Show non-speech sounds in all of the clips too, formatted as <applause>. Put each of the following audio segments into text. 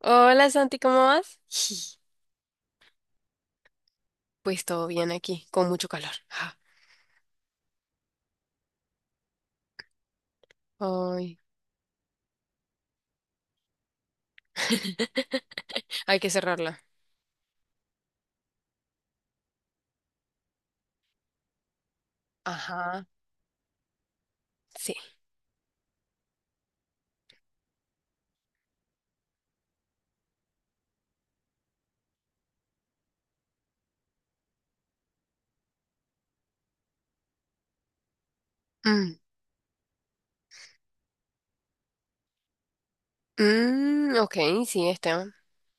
Hola Santi, ¿cómo vas? <laughs> Pues todo bien aquí, con mucho calor. Ah, ay, <laughs> hay que cerrarla. Ajá, sí. Mm, mm, ok, sí, está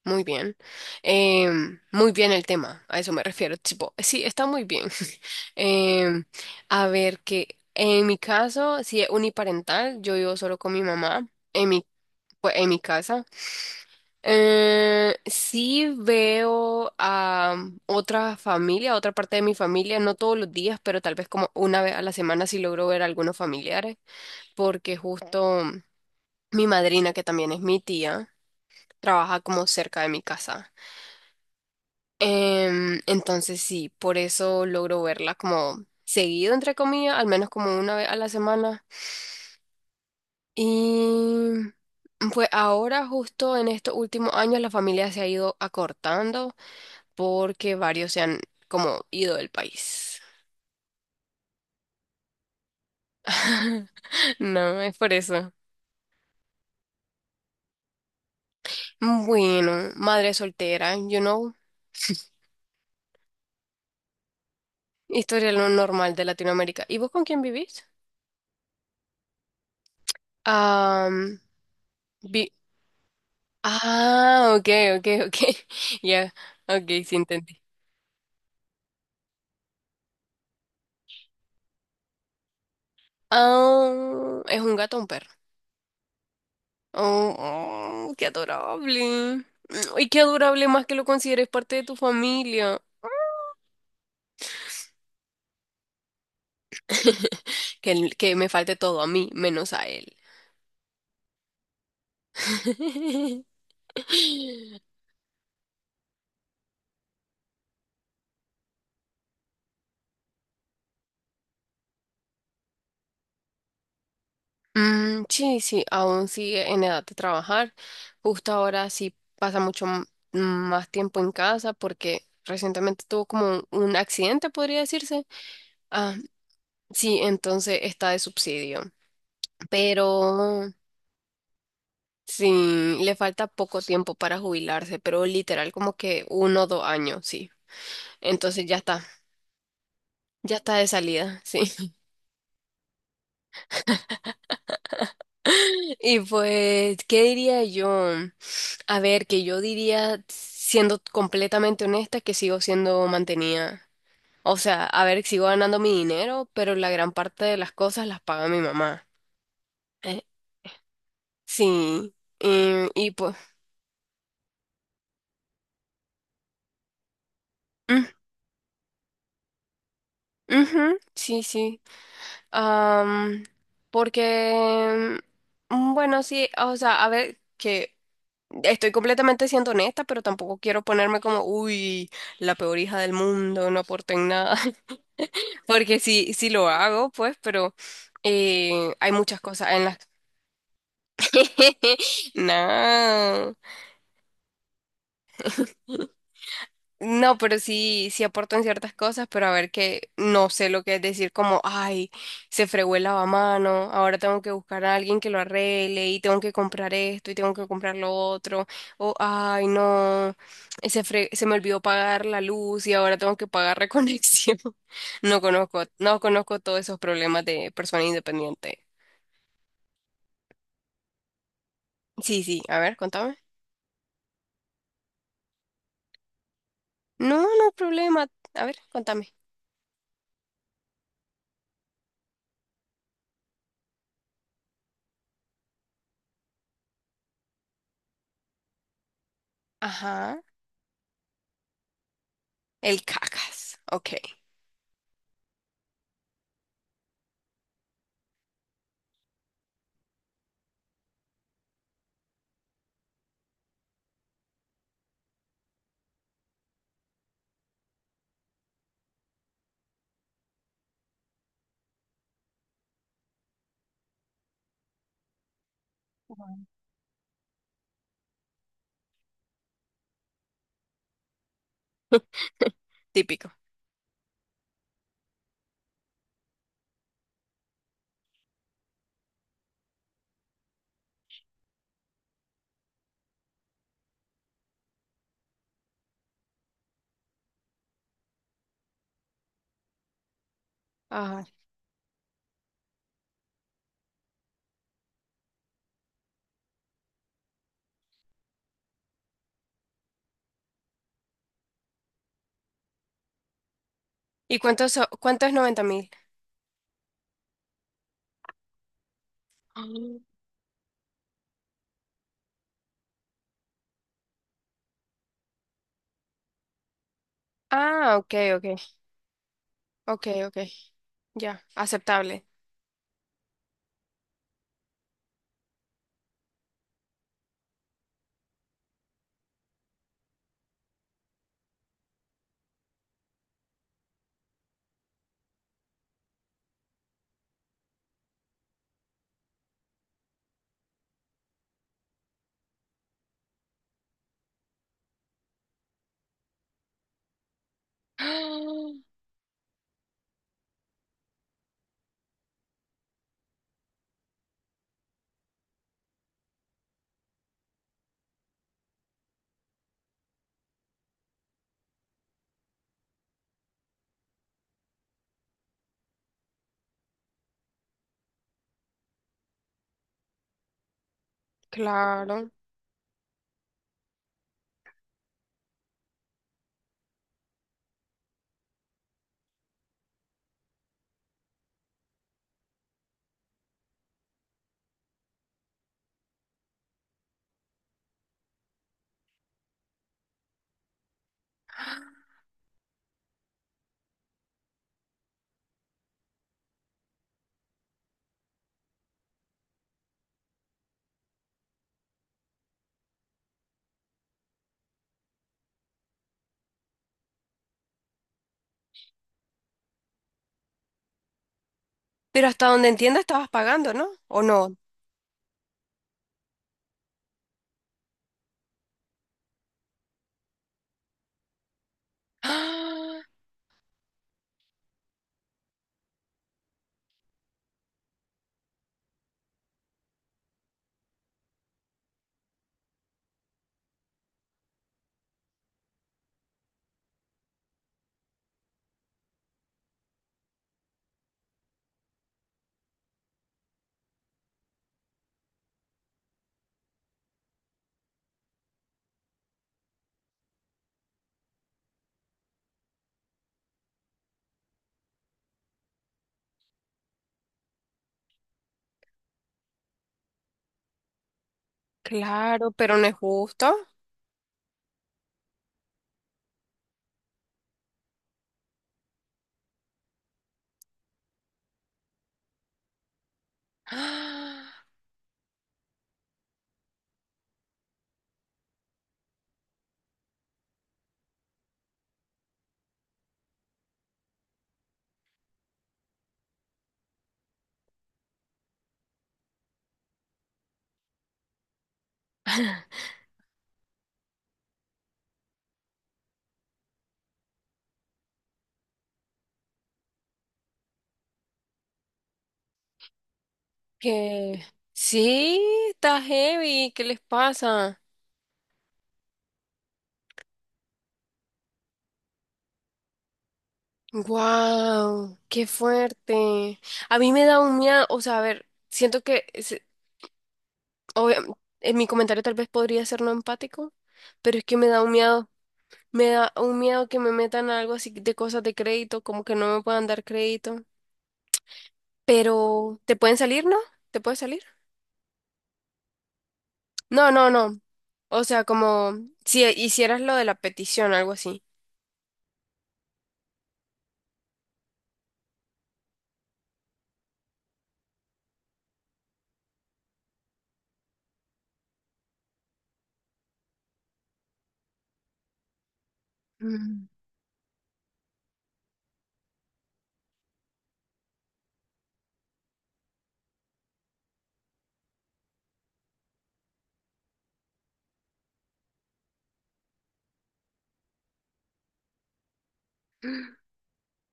muy bien. Muy bien el tema, a eso me refiero. Tipo, sí, está muy bien. <laughs> Em, a ver, que en mi caso, si es uniparental, yo vivo solo con mi mamá en mi, pues, en mi casa. Sí veo a otra familia, otra parte de mi familia, no todos los días, pero tal vez como una vez a la semana sí logro ver a algunos familiares, porque justo mi madrina, que también es mi tía, trabaja como cerca de mi casa. Entonces sí, por eso logro verla como seguido, entre comillas, al menos como una vez a la semana. Y pues ahora justo en estos últimos años la familia se ha ido acortando, porque varios se han como ido del país. <laughs> No, es por eso. Bueno, madre soltera, you know, historia lo normal de Latinoamérica. ¿Y vos con quién vivís? Am, vi- ah, ok, ok, ok. <laughs> Ya, ok, sí entendí. Ah, ¿es un gato o un perro? Oh, oh, qué adorable. Mm, y qué adorable más que lo consideres parte de tu familia. <laughs> Que me falte todo a mí, menos a él. <laughs> Mm, sí, sí, aún sigue en edad de trabajar. Justo ahora sí pasa mucho más tiempo en casa porque recientemente tuvo como un accidente, podría decirse. Ah, sí, entonces está de subsidio. Pero sí, le falta poco tiempo para jubilarse, pero literal como que uno o dos años, sí. Entonces ya está de salida, <laughs> sí. Y pues, ¿qué diría yo? A ver, que yo diría, siendo completamente honesta, que sigo siendo mantenida. O sea, a ver, sigo ganando mi dinero, pero la gran parte de las cosas las paga mi mamá. Eh, sí, y, y pues, mm, ujú, sí, sí. Am, Porque, bueno, sí, o sea, a ver, que estoy completamente siendo honesta, pero tampoco quiero ponerme como, uy, la peor hija del mundo, no aporto en nada. Porque sí, sí lo hago, pues, pero hay muchas cosas en las. <laughs> No, no, pero sí, sí aporto en ciertas cosas, pero a ver que no sé lo que es decir como, ay, se fregó el lavamano, ahora tengo que buscar a alguien que lo arregle y tengo que comprar esto y tengo que comprar lo otro, o ay, no, se me olvidó pagar la luz y ahora tengo que pagar reconexión. <laughs> No conozco, no conozco todos esos problemas de persona independiente. Sí, sí, a ver, contame. No, no hay problema. A ver, contame. Ajá, el cacas. Ok, típico. Ajá. ¿Y cuántos cuánto es 90.000? Ah, ok, ok, ok, ok, ya, aceptable. <gasps> Ah, claro. Pero hasta donde entienda estabas pagando, ¿no? ¿O no? <gasps> Ah, claro, pero no es justo. <gasps> Ah, que sí, está heavy, ¿qué les pasa? Wow, qué fuerte. A mí me da un miedo, o sea, a ver, siento que obvia- en mi comentario tal vez podría ser no empático, pero es que me da un miedo, me da un miedo que me metan algo así de cosas de crédito, como que no me puedan dar crédito. Pero, ¿te pueden salir, no? ¿Te puede salir? No, no, no. O sea, como si hicieras lo de la petición, algo así. Mm.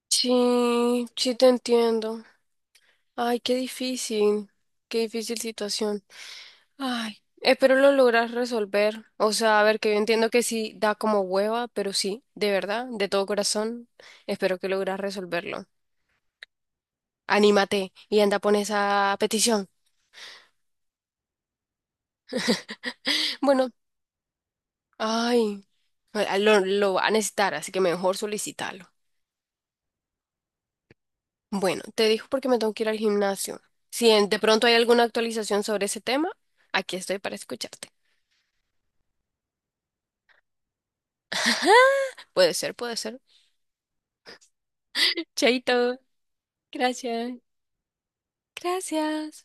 Sí, sí te entiendo. Ay, qué difícil situación. Ay, espero lo logras resolver. O sea, a ver, que yo entiendo que sí da como hueva, pero sí, de verdad, de todo corazón, espero que logras resolverlo. Anímate y anda, pon esa petición. Bueno, ay, lo va a necesitar, así que mejor solicítalo. Bueno, te dijo porque me tengo que ir al gimnasio. Si de pronto hay alguna actualización sobre ese tema, aquí estoy para escucharte. Puede ser, puede ser. Chaito, gracias. Gracias.